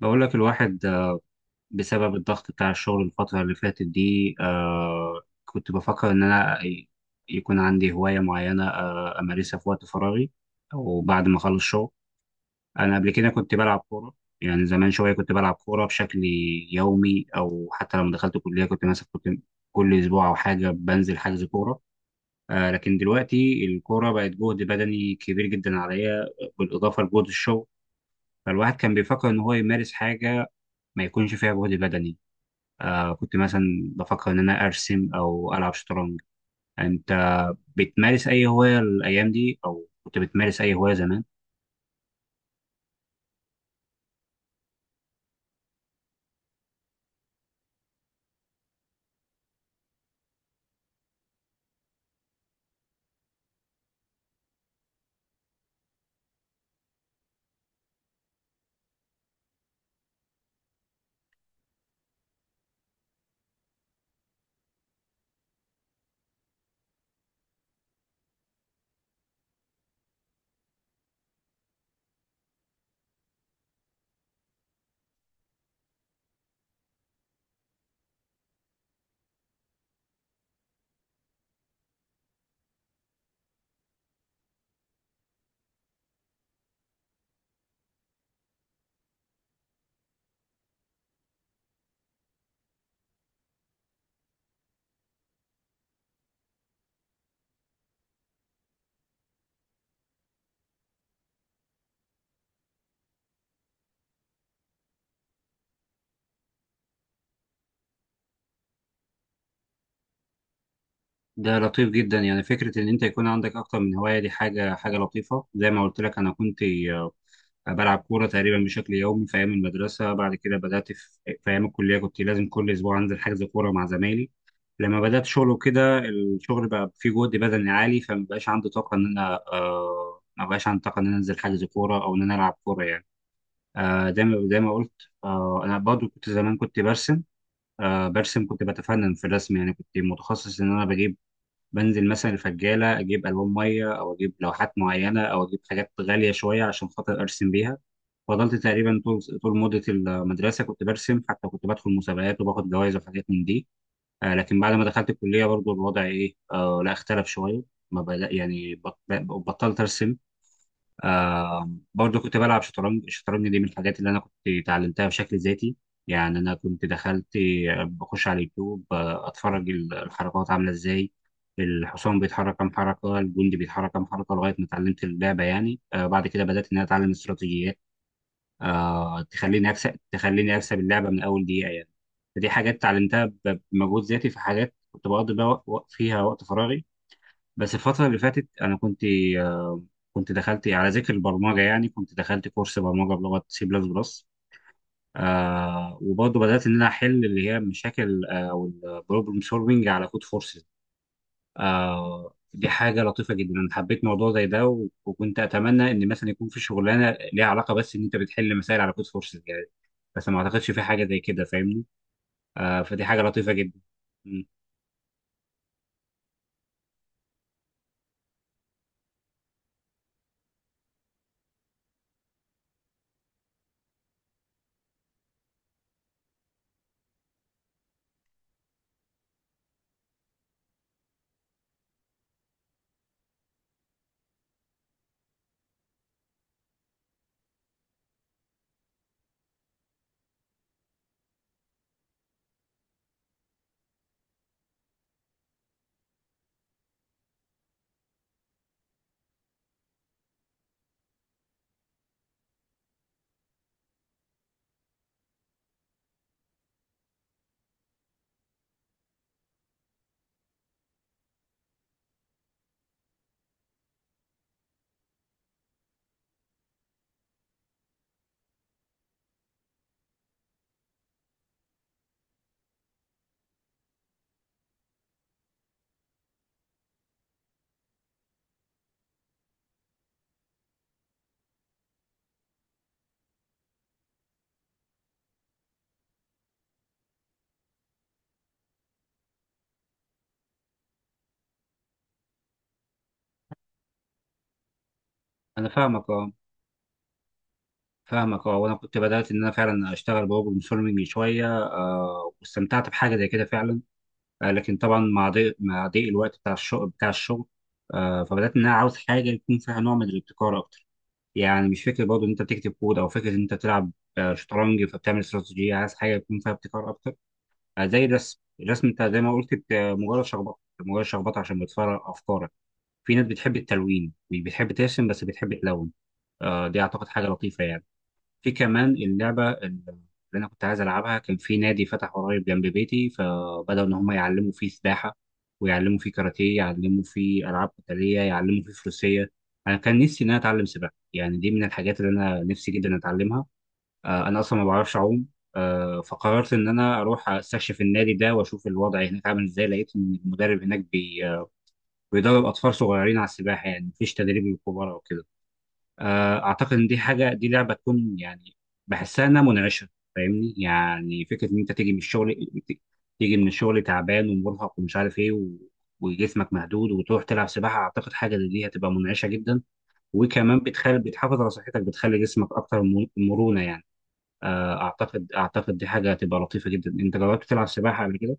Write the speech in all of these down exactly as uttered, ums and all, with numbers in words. بقول لك الواحد، آه، بسبب الضغط بتاع الشغل الفترة اللي فاتت دي آه كنت بفكر إن أنا ي- يكون عندي هواية معينة آه أمارسها في وقت فراغي، أو بعد ما أخلص شغل. أنا قبل كده كنت بلعب كورة، يعني زمان شوية كنت بلعب كورة بشكل يومي، أو حتى لما دخلت الكلية كنت مثلا كنت كل أسبوع أو حاجة بنزل حجز كورة. آه لكن دلوقتي الكورة بقت جهد بدني كبير جدا عليا، بالإضافة لجهد الشغل. فالواحد كان بيفكر إن هو يمارس حاجة ما يكونش فيها جهد بدني. آه كنت مثلا بفكر إن أنا أرسم أو ألعب شطرنج. أنت بتمارس أي هواية الأيام دي؟ أو كنت بتمارس أي هواية زمان؟ ده لطيف جدا، يعني فكرة إن أنت يكون عندك أكتر من هواية، دي حاجة حاجة لطيفة. زي ما قلت لك أنا كنت آه، بلعب كورة تقريبا بشكل يومي في أيام المدرسة. بعد كده بدأت في, في أيام الكلية كنت لازم كل أسبوع أنزل حجز كورة مع زمايلي. لما بدأت شغل وكده، الشغل بقى فيه جهد بدني عالي، فمبقاش عندي طاقة إن أنا، آه مبقاش عندي طاقة إن أنا أنزل حجز كورة أو إن أنا ألعب كورة يعني. آه، زي ما زي ما قلت، آه، انا برضو كنت زمان كنت برسم، آه، برسم كنت بتفنن في الرسم. يعني كنت متخصص ان انا بجيب، بنزل مثلا الفجاله، اجيب الوان ميه او اجيب لوحات معينه او اجيب حاجات غاليه شويه عشان خاطر ارسم بيها. فضلت تقريبا طول طول مده المدرسه كنت برسم، حتى كنت بدخل مسابقات وباخد جوائز وحاجات من دي. آه، لكن بعد ما دخلت الكليه، برضو الوضع ايه آه، لا، اختلف شويه. ما بدأ، يعني بط- بطلت ارسم. آه برضو كنت بلعب شطرنج. الشطرنج دي من الحاجات اللي انا كنت اتعلمتها بشكل ذاتي. يعني انا كنت دخلت، آه، بخش على اليوتيوب، آه، اتفرج ال- الحركات عامله ازاي، الحصان بيتحرك كام حركه، الجندي بيتحرك كام حركه، لغايه ما اتعلمت اللعبه يعني. آه بعد كده بدات ان انا اتعلم استراتيجيات آه تخليني اكسب، تخليني اكسب اللعبه من اول دقيقه يعني. فدي حاجات اتعلمتها ب- بمجهود ذاتي، في حاجات كنت بقضي بقى وق- فيها وقت فراغي. بس الفترة اللي فاتت أنا كنت، آه، كنت دخلت على ذكر البرمجة، يعني كنت دخلت كورس برمجة بلغة سي بلس بلس. آه وبرضه بدأت إن أنا أحل اللي هي المشاكل، آه، أو البروبلم سولفنج على كود فورسز. آه دي حاجة لطيفة جدا، أنا حبيت موضوع زي ده، و- وكنت أتمنى إن مثلا يكون في شغلانة ليها علاقة، بس إن أنت بتحل مسائل على كود فورسز يعني. بس ما أعتقدش في حاجة زي كده، فاهمني. آه فدي حاجة لطيفة جدا. م. أنا فاهمك، أه، فاهمك اه وانا كنت بدات ان انا فعلا اشتغل بروبلم سولفنج شويه، آه واستمتعت بحاجه زي كده فعلا. آه لكن طبعا، مع ضيق مع ضيق الوقت بتاع الشغل بتاع الشغل آه فبدات ان انا عاوز حاجه يكون فيها نوع من الابتكار اكتر. يعني مش فكره برضه ان انت بتكتب كود، او فكره ان انت تلعب آه شطرنج فبتعمل استراتيجيه، عايز حاجه يكون فيها ابتكار اكتر. آه زي الرسم، الرسم انت زي ما قلت بت- مجرد شخبطه، مجرد شخبطه عشان بتفرغ افكارك. في ناس بتحب التلوين، مش بتحب ترسم بس بتحب تلون. آه دي اعتقد حاجه لطيفه يعني. في كمان اللعبة اللي أنا كنت عايز ألعبها. كان في نادي فتح قريب جنب بيتي، فبدأوا إن هم يعلموا فيه سباحة، ويعلموا فيه كاراتيه، يعلموا فيه ألعاب قتالية، يعلموا فيه فروسية. أنا كان نفسي إن أنا أتعلم سباحة، يعني دي من الحاجات اللي أنا نفسي جدا أتعلمها. آه، أنا أصلا ما بعرفش أعوم. آه، فقررت إن أنا أروح أستكشف النادي ده وأشوف الوضع هناك عامل إزاي. لقيت إن المدرب هناك بي- بيدرب أطفال صغيرين على السباحة، يعني مفيش تدريب للكبار أو كده. آه، اعتقد ان دي حاجه، دي لعبه تكون يعني بحسها انها منعشه. فاهمني، يعني فكره ان انت تيجي من الشغل، ت- تيجي من الشغل تعبان ومرهق ومش عارف ايه و... وجسمك مهدود، وتروح تلعب سباحه، اعتقد حاجه زي دي هتبقى منعشه جدا. وكمان بتخلي، بتحافظ على صحتك، بتخلي جسمك اكتر مر- مرونه يعني. آه، اعتقد اعتقد دي حاجه هتبقى لطيفه جدا. انت جربت تلعب سباحه قبل كده؟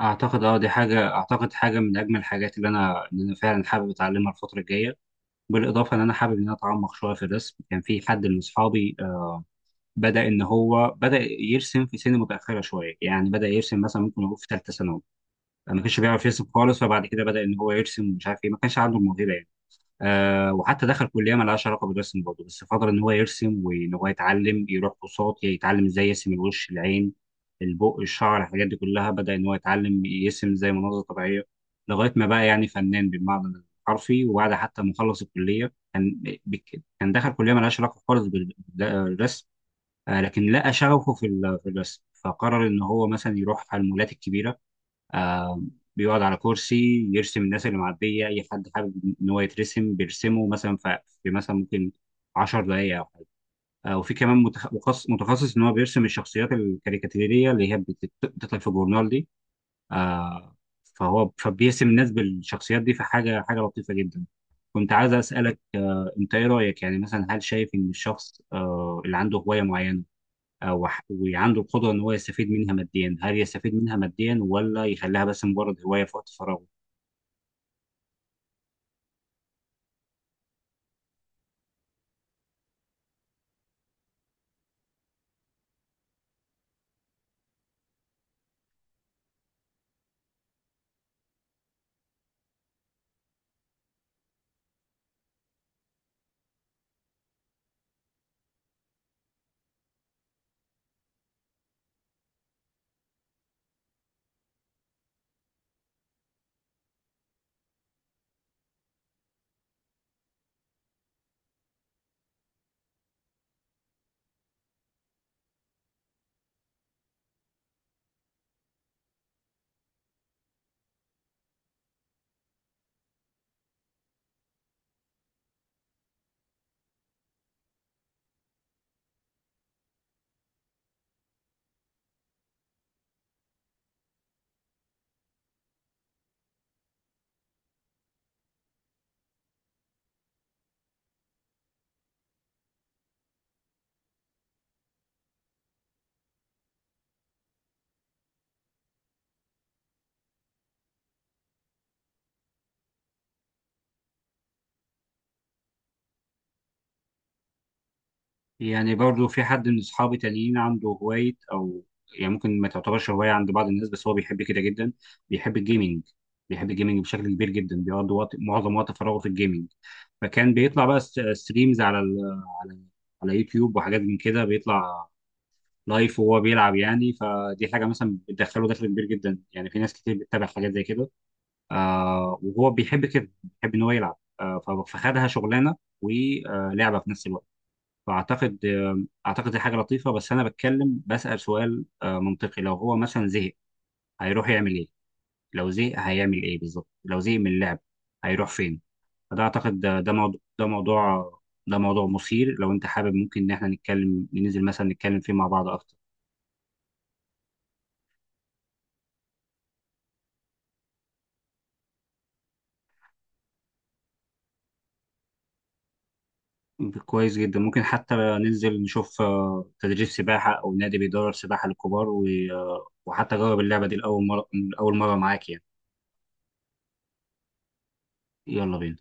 اعتقد اه، دي حاجه، اعتقد حاجه من اجمل الحاجات اللي انا اللي انا فعلا حابب اتعلمها الفتره الجايه. بالاضافه ان انا حابب ان انا اتعمق شويه في الرسم. كان في حد من اصحابي آه، بدا ان هو بدا يرسم في سن متاخره شويه. يعني بدا يرسم مثلا، ممكن يقول في ثالثه ثانوي ما كانش بيعرف يرسم خالص، فبعد كده بدا ان هو يرسم ومش عارف ايه، ما كانش عنده الموهبه. آه وحتى دخل كليه ما لهاش علاقه بالرسم برضه، بس فضل ان هو يرسم وان هو يتعلم، يروح كورسات يتعلم ازاي يرسم، الوش، العين، البق، الشعر، الحاجات دي كلها. بدا ان هو يتعلم يرسم زي مناظر طبيعيه، لغايه ما بقى يعني فنان بالمعنى الحرفي. وبعد حتى ما خلص الكليه كان، بك- كان دخل كليه ما لهاش علاقه خالص بال- بالرسم. آه لكن لقى شغفه في ال- في الرسم، فقرر ان هو مثلا يروح على المولات الكبيره، آه بيقعد على كرسي يرسم الناس اللي معدية. أي حد حابب إن هو يترسم بيرسمه، مثلا ف- في مثلا ممكن عشر دقايق أو حاجة. آه وفي كمان متخ- مخصص، متخصص إن هو بيرسم الشخصيات الكاريكاتيرية اللي هي بت- بتطلع في الجورنال دي. آه فهو فبيرسم الناس بالشخصيات دي، فحاجة، حاجة لطيفة جدا. كنت عايز أسألك، آه أنت إيه رأيك؟ يعني مثلا هل شايف إن الشخص، آه اللي عنده هواية معينة آه، وح- وعنده القدرة إن هو يستفيد منها ماديا، هل يستفيد منها ماديا، ولا يخليها بس مجرد هواية في وقت فراغه؟ يعني برضه في حد من أصحابي تانيين عنده هواية، أو يعني ممكن ما تعتبرش هواية عند بعض الناس، بس هو بيحب كده جدا. بيحب الجيمنج، بيحب الجيمنج بشكل كبير جدا، بيقضي وقت، معظم وقت فراغه في الجيمنج. فكان بيطلع بقى س- ستريمز على ال على على يوتيوب وحاجات من كده، بيطلع لايف وهو بيلعب يعني. فدي حاجة مثلا بتدخله دخل كبير جدا، يعني في ناس كتير بتتابع حاجات زي كده. آه وهو بيحب كده، بيحب ان هو يلعب، آه ف- فخدها شغلانه ولعبه في نفس الوقت. فاعتقد، آه اعتقد دي حاجه لطيفه، بس انا بتكلم، بسأل سؤال آه منطقي، لو هو مثلا زهق هيروح يعمل ايه؟ لو زهق هيعمل ايه بالظبط؟ لو زهق من اللعب هيروح فين؟ فده اعتقد، ده ده موضوع ده موضوع ده موضوع مثير. لو انت حابب ممكن ان احنا نتكلم، ننزل مثلا نتكلم فيه مع بعض اكتر. كويس جدا، ممكن حتى ننزل نشوف آه، تدريب سباحة أو نادي بيدرب سباحة للكبار، و- آه، وحتى أجرب اللعبة دي لأول مرة. أول مرة معاك يعني. يلا بينا.